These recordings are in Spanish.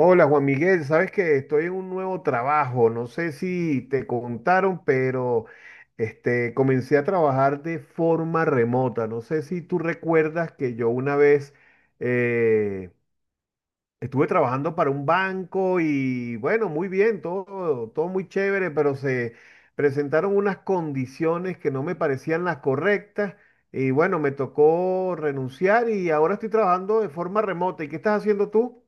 Hola Juan Miguel, sabes que estoy en un nuevo trabajo, no sé si te contaron, pero comencé a trabajar de forma remota. No sé si tú recuerdas que yo una vez eh, estuve trabajando para un banco y bueno, muy bien, todo muy chévere, pero se presentaron unas condiciones que no me parecían las correctas y bueno, me tocó renunciar y ahora estoy trabajando de forma remota. ¿Y qué estás haciendo tú?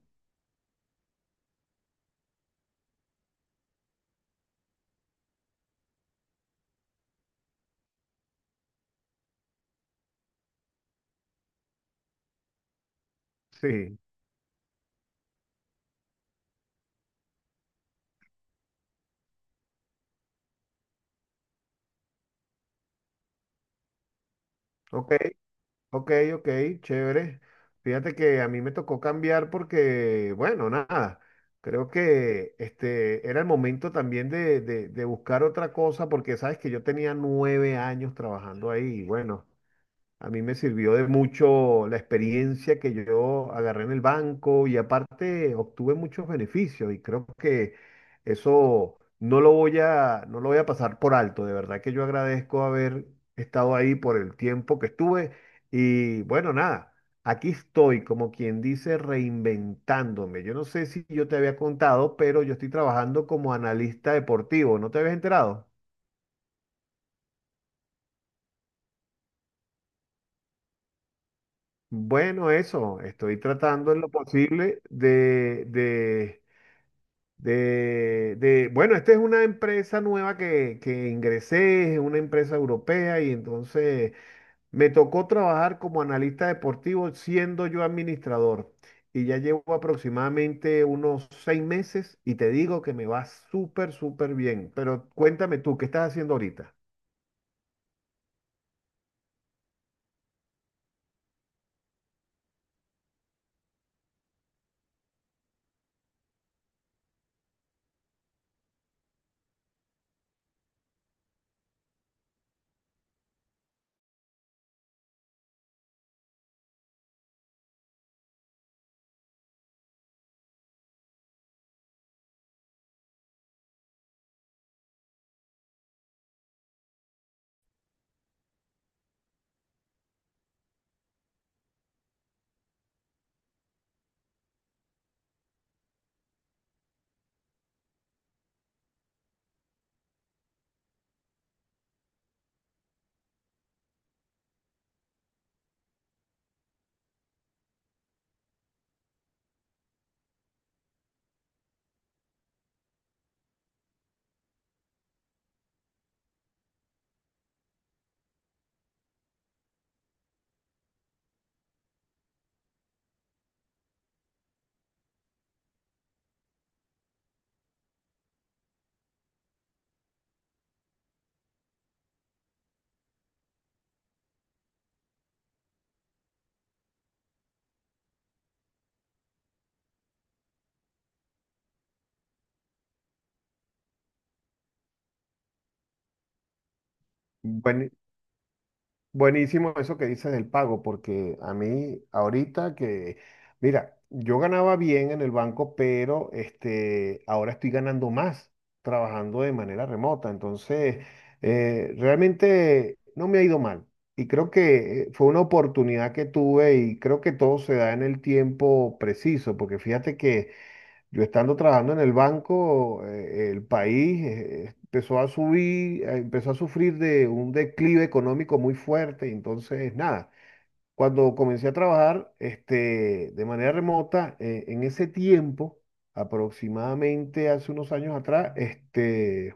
Sí, ok. Ok, ok, chévere. Fíjate que a mí me tocó cambiar porque, bueno, nada, creo que este era el momento también de buscar otra cosa, porque sabes que yo tenía 9 años trabajando ahí y bueno, a mí me sirvió de mucho la experiencia que yo agarré en el banco y aparte obtuve muchos beneficios, y creo que eso no lo voy a pasar por alto. De verdad que yo agradezco haber estado ahí por el tiempo que estuve y bueno, nada, aquí estoy, como quien dice, reinventándome. Yo no sé si yo te había contado, pero yo estoy trabajando como analista deportivo. ¿No te habías enterado? Bueno, eso, estoy tratando en lo posible de bueno, esta es una empresa nueva que ingresé, es una empresa europea, y entonces me tocó trabajar como analista deportivo siendo yo administrador, y ya llevo aproximadamente unos 6 meses y te digo que me va súper bien, pero cuéntame tú, ¿qué estás haciendo ahorita? Buenísimo eso que dices del pago, porque a mí ahorita que, mira, yo ganaba bien en el banco, pero este, ahora estoy ganando más trabajando de manera remota. Entonces, realmente no me ha ido mal. Y creo que fue una oportunidad que tuve, y creo que todo se da en el tiempo preciso, porque fíjate que yo estando trabajando en el banco, el país empezó a sufrir de un declive económico muy fuerte, y entonces nada, cuando comencé a trabajar de manera remota, en ese tiempo, aproximadamente hace unos años atrás,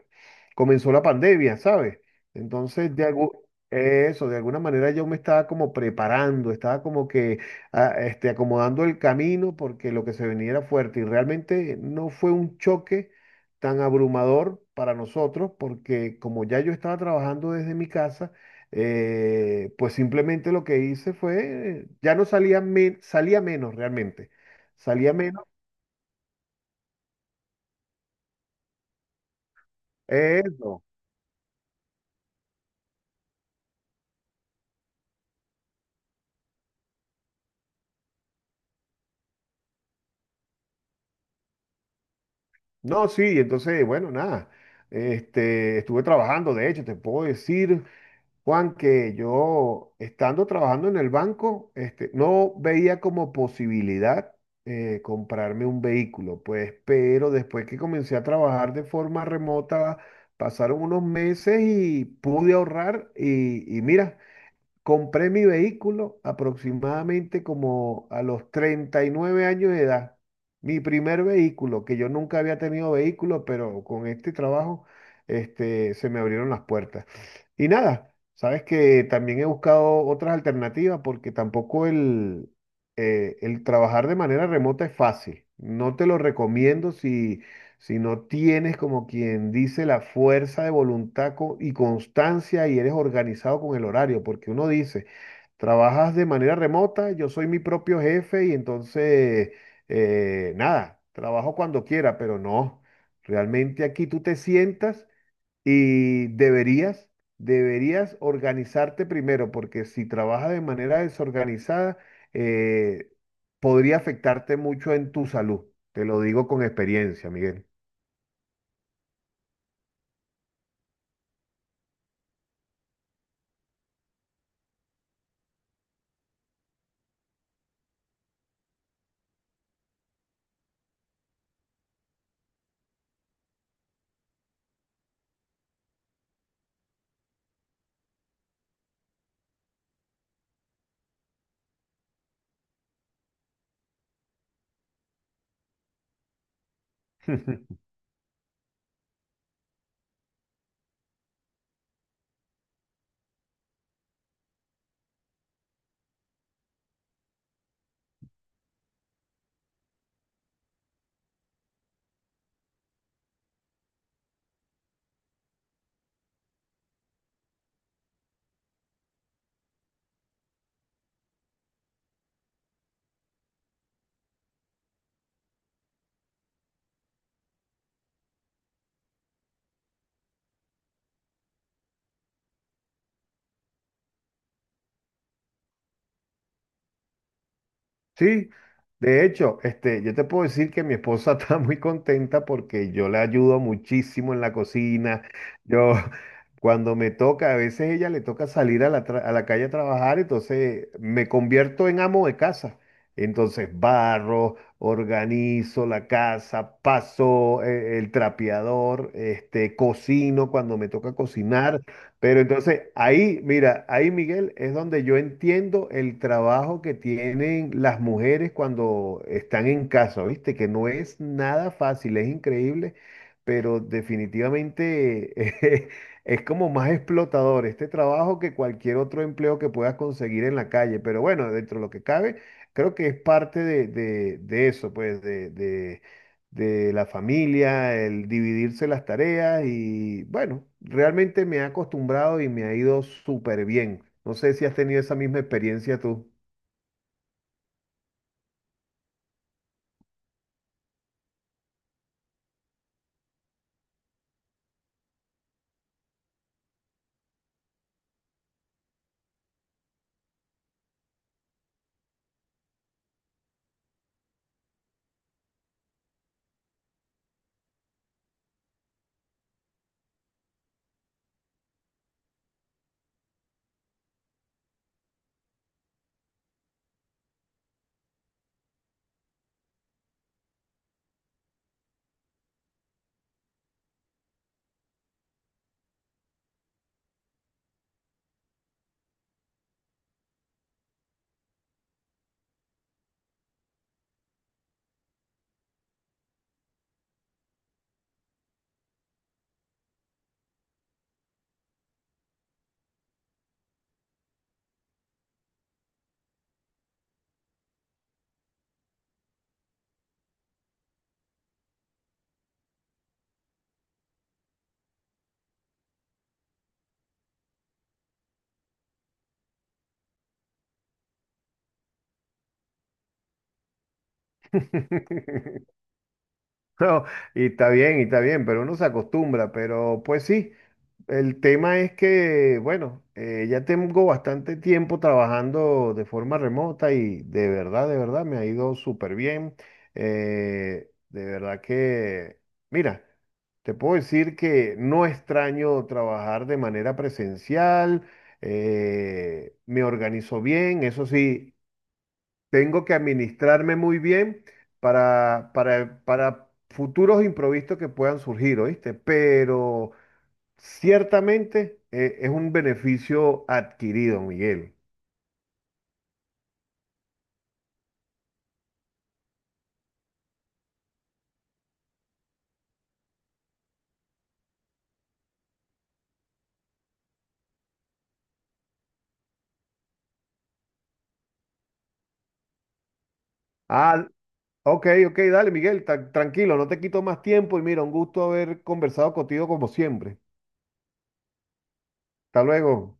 comenzó la pandemia, ¿sabes? Entonces, eso, de alguna manera yo me estaba como preparando, estaba como que acomodando el camino, porque lo que se venía era fuerte y realmente no fue un choque tan abrumador para nosotros, porque como ya yo estaba trabajando desde mi casa, pues simplemente lo que hice fue, ya no salía, me salía menos realmente, salía menos, eso, no, sí, entonces, bueno, nada, estuve trabajando. De hecho, te puedo decir, Juan, que yo estando trabajando en el banco, no veía como posibilidad comprarme un vehículo, pues, pero después que comencé a trabajar de forma remota, pasaron unos meses y pude ahorrar, y mira. Compré mi vehículo aproximadamente como a los 39 años de edad. Mi primer vehículo, que yo nunca había tenido vehículo, pero con este trabajo, se me abrieron las puertas. Y nada, sabes que también he buscado otras alternativas, porque tampoco el trabajar de manera remota es fácil. No te lo recomiendo si si no tienes, como quien dice, la fuerza de voluntad y constancia y eres organizado con el horario, porque uno dice, trabajas de manera remota, yo soy mi propio jefe y entonces, nada, trabajo cuando quiera, pero no, realmente aquí tú te sientas y deberías organizarte primero, porque si trabajas de manera desorganizada, eh, podría afectarte mucho en tu salud. Te lo digo con experiencia, Miguel. Sí, de hecho, yo te puedo decir que mi esposa está muy contenta porque yo le ayudo muchísimo en la cocina. Yo, cuando me toca, a veces ella le toca salir a la, a la calle a trabajar, entonces me convierto en amo de casa. Entonces barro, organizo la casa, paso el trapeador, cocino cuando me toca cocinar. Pero entonces ahí, mira, ahí Miguel es donde yo entiendo el trabajo que tienen las mujeres cuando están en casa, ¿viste? Que no es nada fácil, es increíble, pero definitivamente eh, es como más explotador este trabajo que cualquier otro empleo que puedas conseguir en la calle. Pero bueno, dentro de lo que cabe, creo que es parte de eso, pues, de la familia, el dividirse las tareas y bueno, realmente me he acostumbrado y me ha ido súper bien. No sé si has tenido esa misma experiencia tú. No, y está bien, pero uno se acostumbra, pero pues sí, el tema es que, bueno, ya tengo bastante tiempo trabajando de forma remota y de verdad me ha ido súper bien. De verdad que, mira, te puedo decir que no extraño trabajar de manera presencial. Me organizo bien, eso sí, tengo que administrarme muy bien para futuros imprevistos que puedan surgir, ¿oíste? Pero... ciertamente es un beneficio adquirido, Miguel. Ah, ok, ok, dale, Miguel, tranquilo, no te quito más tiempo y mira, un gusto haber conversado contigo como siempre. Hasta luego.